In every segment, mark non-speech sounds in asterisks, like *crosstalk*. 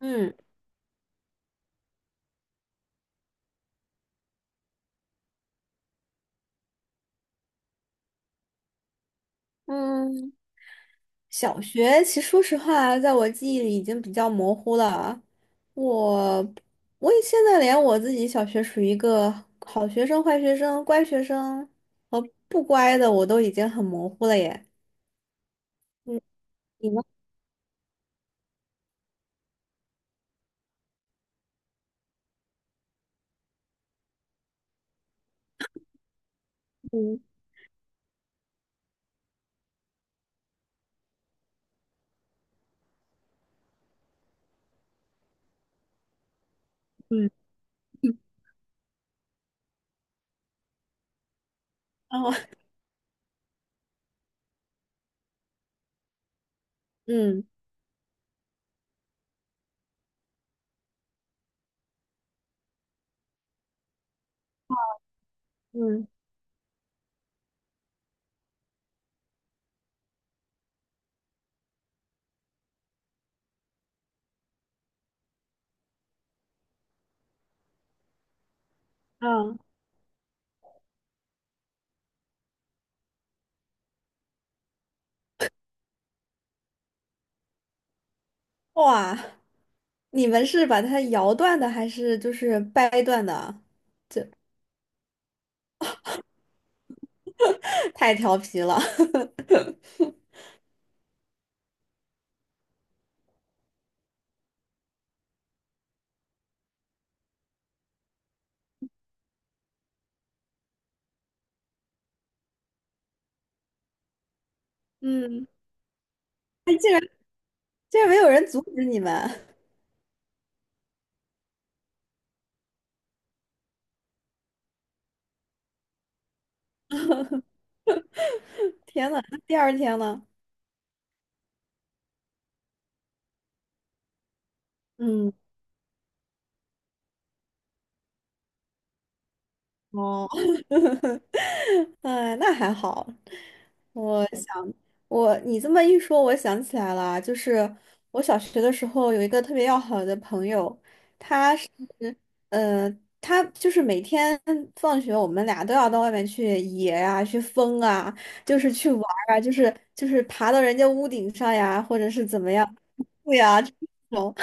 嗯嗯，小学其实说实话，在我记忆里已经比较模糊了。我我也现在连我自己小学属于一个好学生、坏学生、乖学生和不乖的，我都已经很模糊了耶。嗯，你呢？嗯嗯，后 *laughs* 嗯嗯啊，哇，你们是把它摇断的，还是就是掰断的？*laughs* 太调皮了。*laughs* 嗯，哎竟然没有人阻止你们。天呐，那第二天呢？嗯，哦，*laughs* 哎，那还好。我想，我你这么一说，我想起来了，就是我小学的时候有一个特别要好的朋友。呃，他就是每天放学，我们俩都要到外面去野呀、去疯啊，就是去玩儿啊，就是爬到人家屋顶上呀，或者是怎么样，对呀，这种。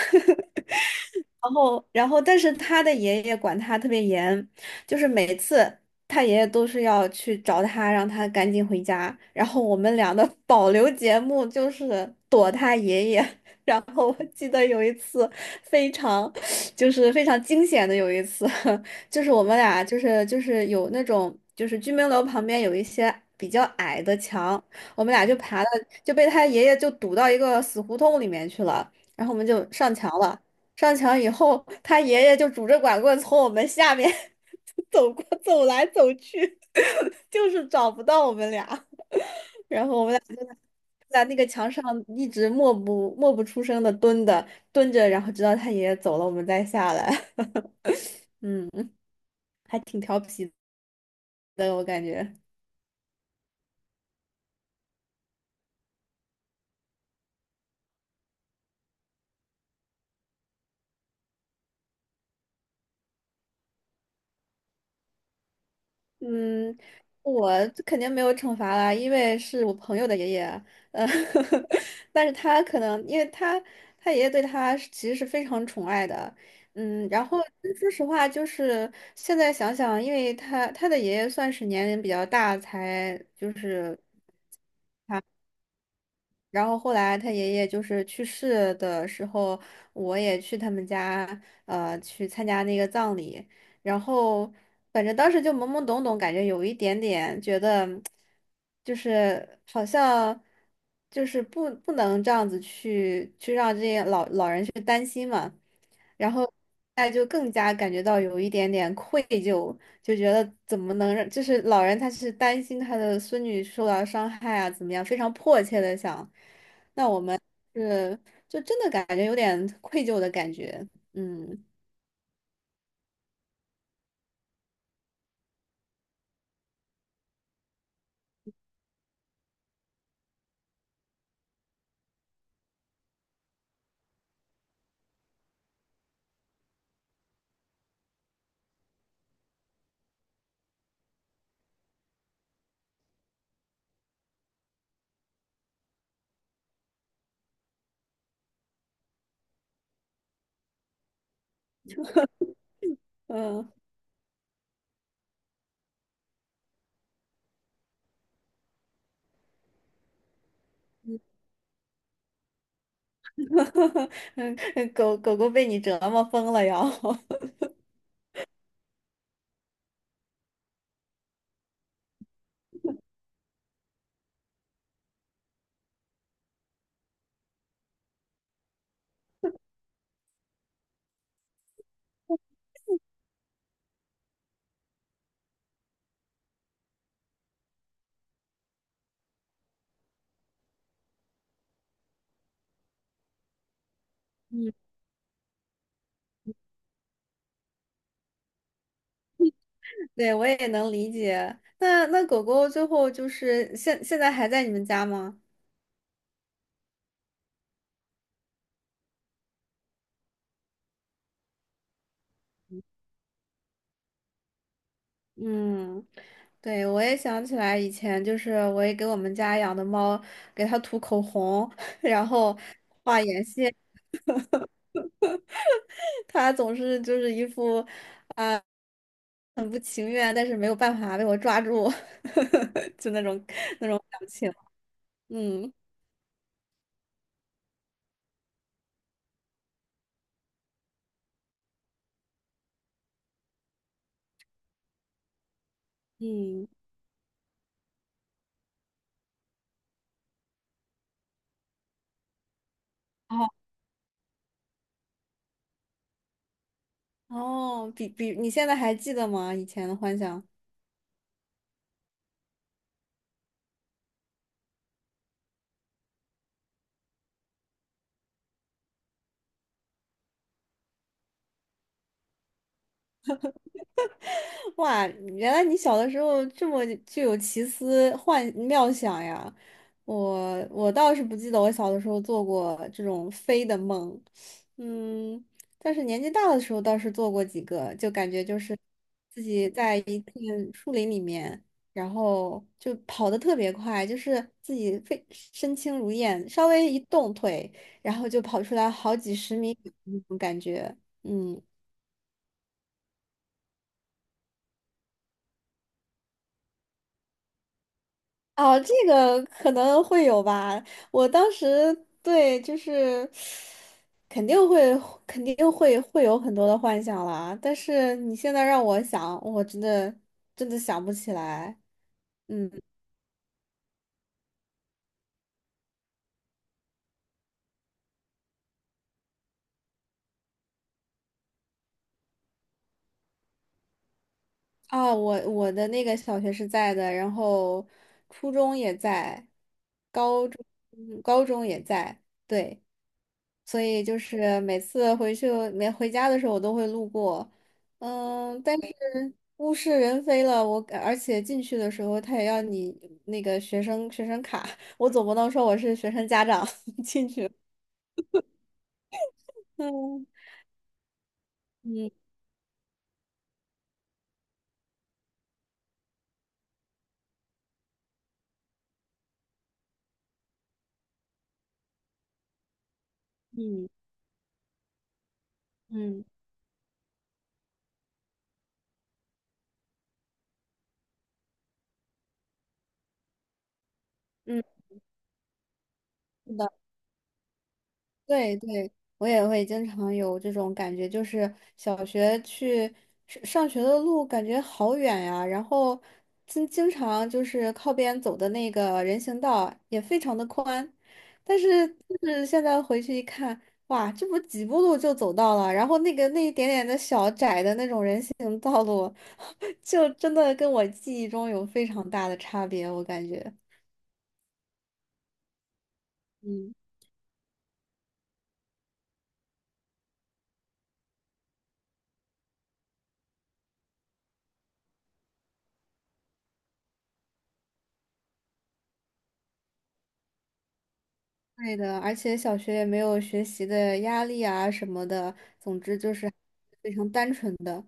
然后，然后，但是他的爷爷管他特别严，就是每次他爷爷都是要去找他，让他赶紧回家。然后我们俩的 *laughs* 保留节目就是躲他爷爷。*laughs* 然后我记得有一次非常，就是非常惊险的有一次，*laughs* 就是我们俩就是有那种就是居民楼旁边有一些比较矮的墙，我们俩就爬了，就被他爷爷就堵到一个死胡同里面去了，然后我们就上墙了。上墙以后，他爷爷就拄着拐棍从我们下面 *laughs* 走过走来走去，*laughs* 就是找不到我们俩。然后我们俩就在那个墙上一直默不出声的蹲着，然后直到他爷爷走了，我们再下来。*laughs* 嗯，还挺调皮的，我感觉。嗯，我肯定没有惩罚啦，因为是我朋友的爷爷。呃，*laughs* 但是他可能，因为他爷爷对他是其实是非常宠爱的。嗯，然后嗯说实话，就是现在想想，因为他的爷爷算是年龄比较大，才就是。然后后来他爷爷就是去世的时候，我也去他们家，去参加那个葬礼。然后反正当时就懵懵懂懂，感觉有一点点觉得，就是好像就是不能这样子去让这些老人去担心嘛。然后哎，就更加感觉到有一点点愧疚，就觉得怎么能让，就是老人他是担心他的孙女受到伤害啊，怎么样，非常迫切的想，我们是就真的感觉有点愧疚的感觉。嗯嗯 *laughs* 嗯，狗狗被你折磨疯了要。*laughs* 嗯，对，我也能理解。那那狗狗最后就是现在还在你们家吗？嗯，对，我也想起来以前就是我也给我们家养的猫给它涂口红，*laughs* 然后它总是就是一副啊、很不情愿，但是没有办法被我抓住，*laughs* 就那种那种表情。嗯嗯，哦哦，比你现在还记得吗？以前的幻想。*laughs* 哇，原来你小的时候这么具有奇思幻妙想呀！我倒是不记得我小的时候做过这种飞的梦。嗯，但是年纪大的时候倒是做过几个，就感觉就是自己在一片树林里面，然后就跑得特别快，就是自己非身轻如燕，稍微一动腿，然后就跑出来好几十米那种感觉。嗯。哦，这个可能会有吧。我当时对，就是肯定会，肯定会有很多的幻想啦。但是你现在让我想，我真的想不起来。嗯。啊，我的那个小学是在的，然后初中也在，高中嗯高中也在，对，所以就是每次回去没回家的时候，我都会路过。嗯，但是物是人非了，我而且进去的时候他也要你那个学生卡，*laughs* 我总不能说我是学生家长 *laughs* 进去。嗯嗯嗯嗯嗯，是的对对，我也会经常有这种感觉，就是小学去上学的路感觉好远呀，然后经常就是靠边走的那个人行道也非常的宽，但是就是现在回去一看，哇，这不几步路就走到了，然后那个那一点点的小窄的那种人行道路，*laughs* 就真的跟我记忆中有非常大的差别，我感觉。对的，而且小学也没有学习的压力啊什么的，总之就是非常单纯的。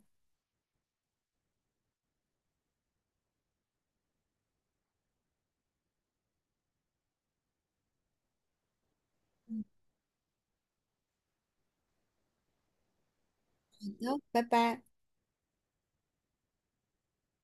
好的拜拜。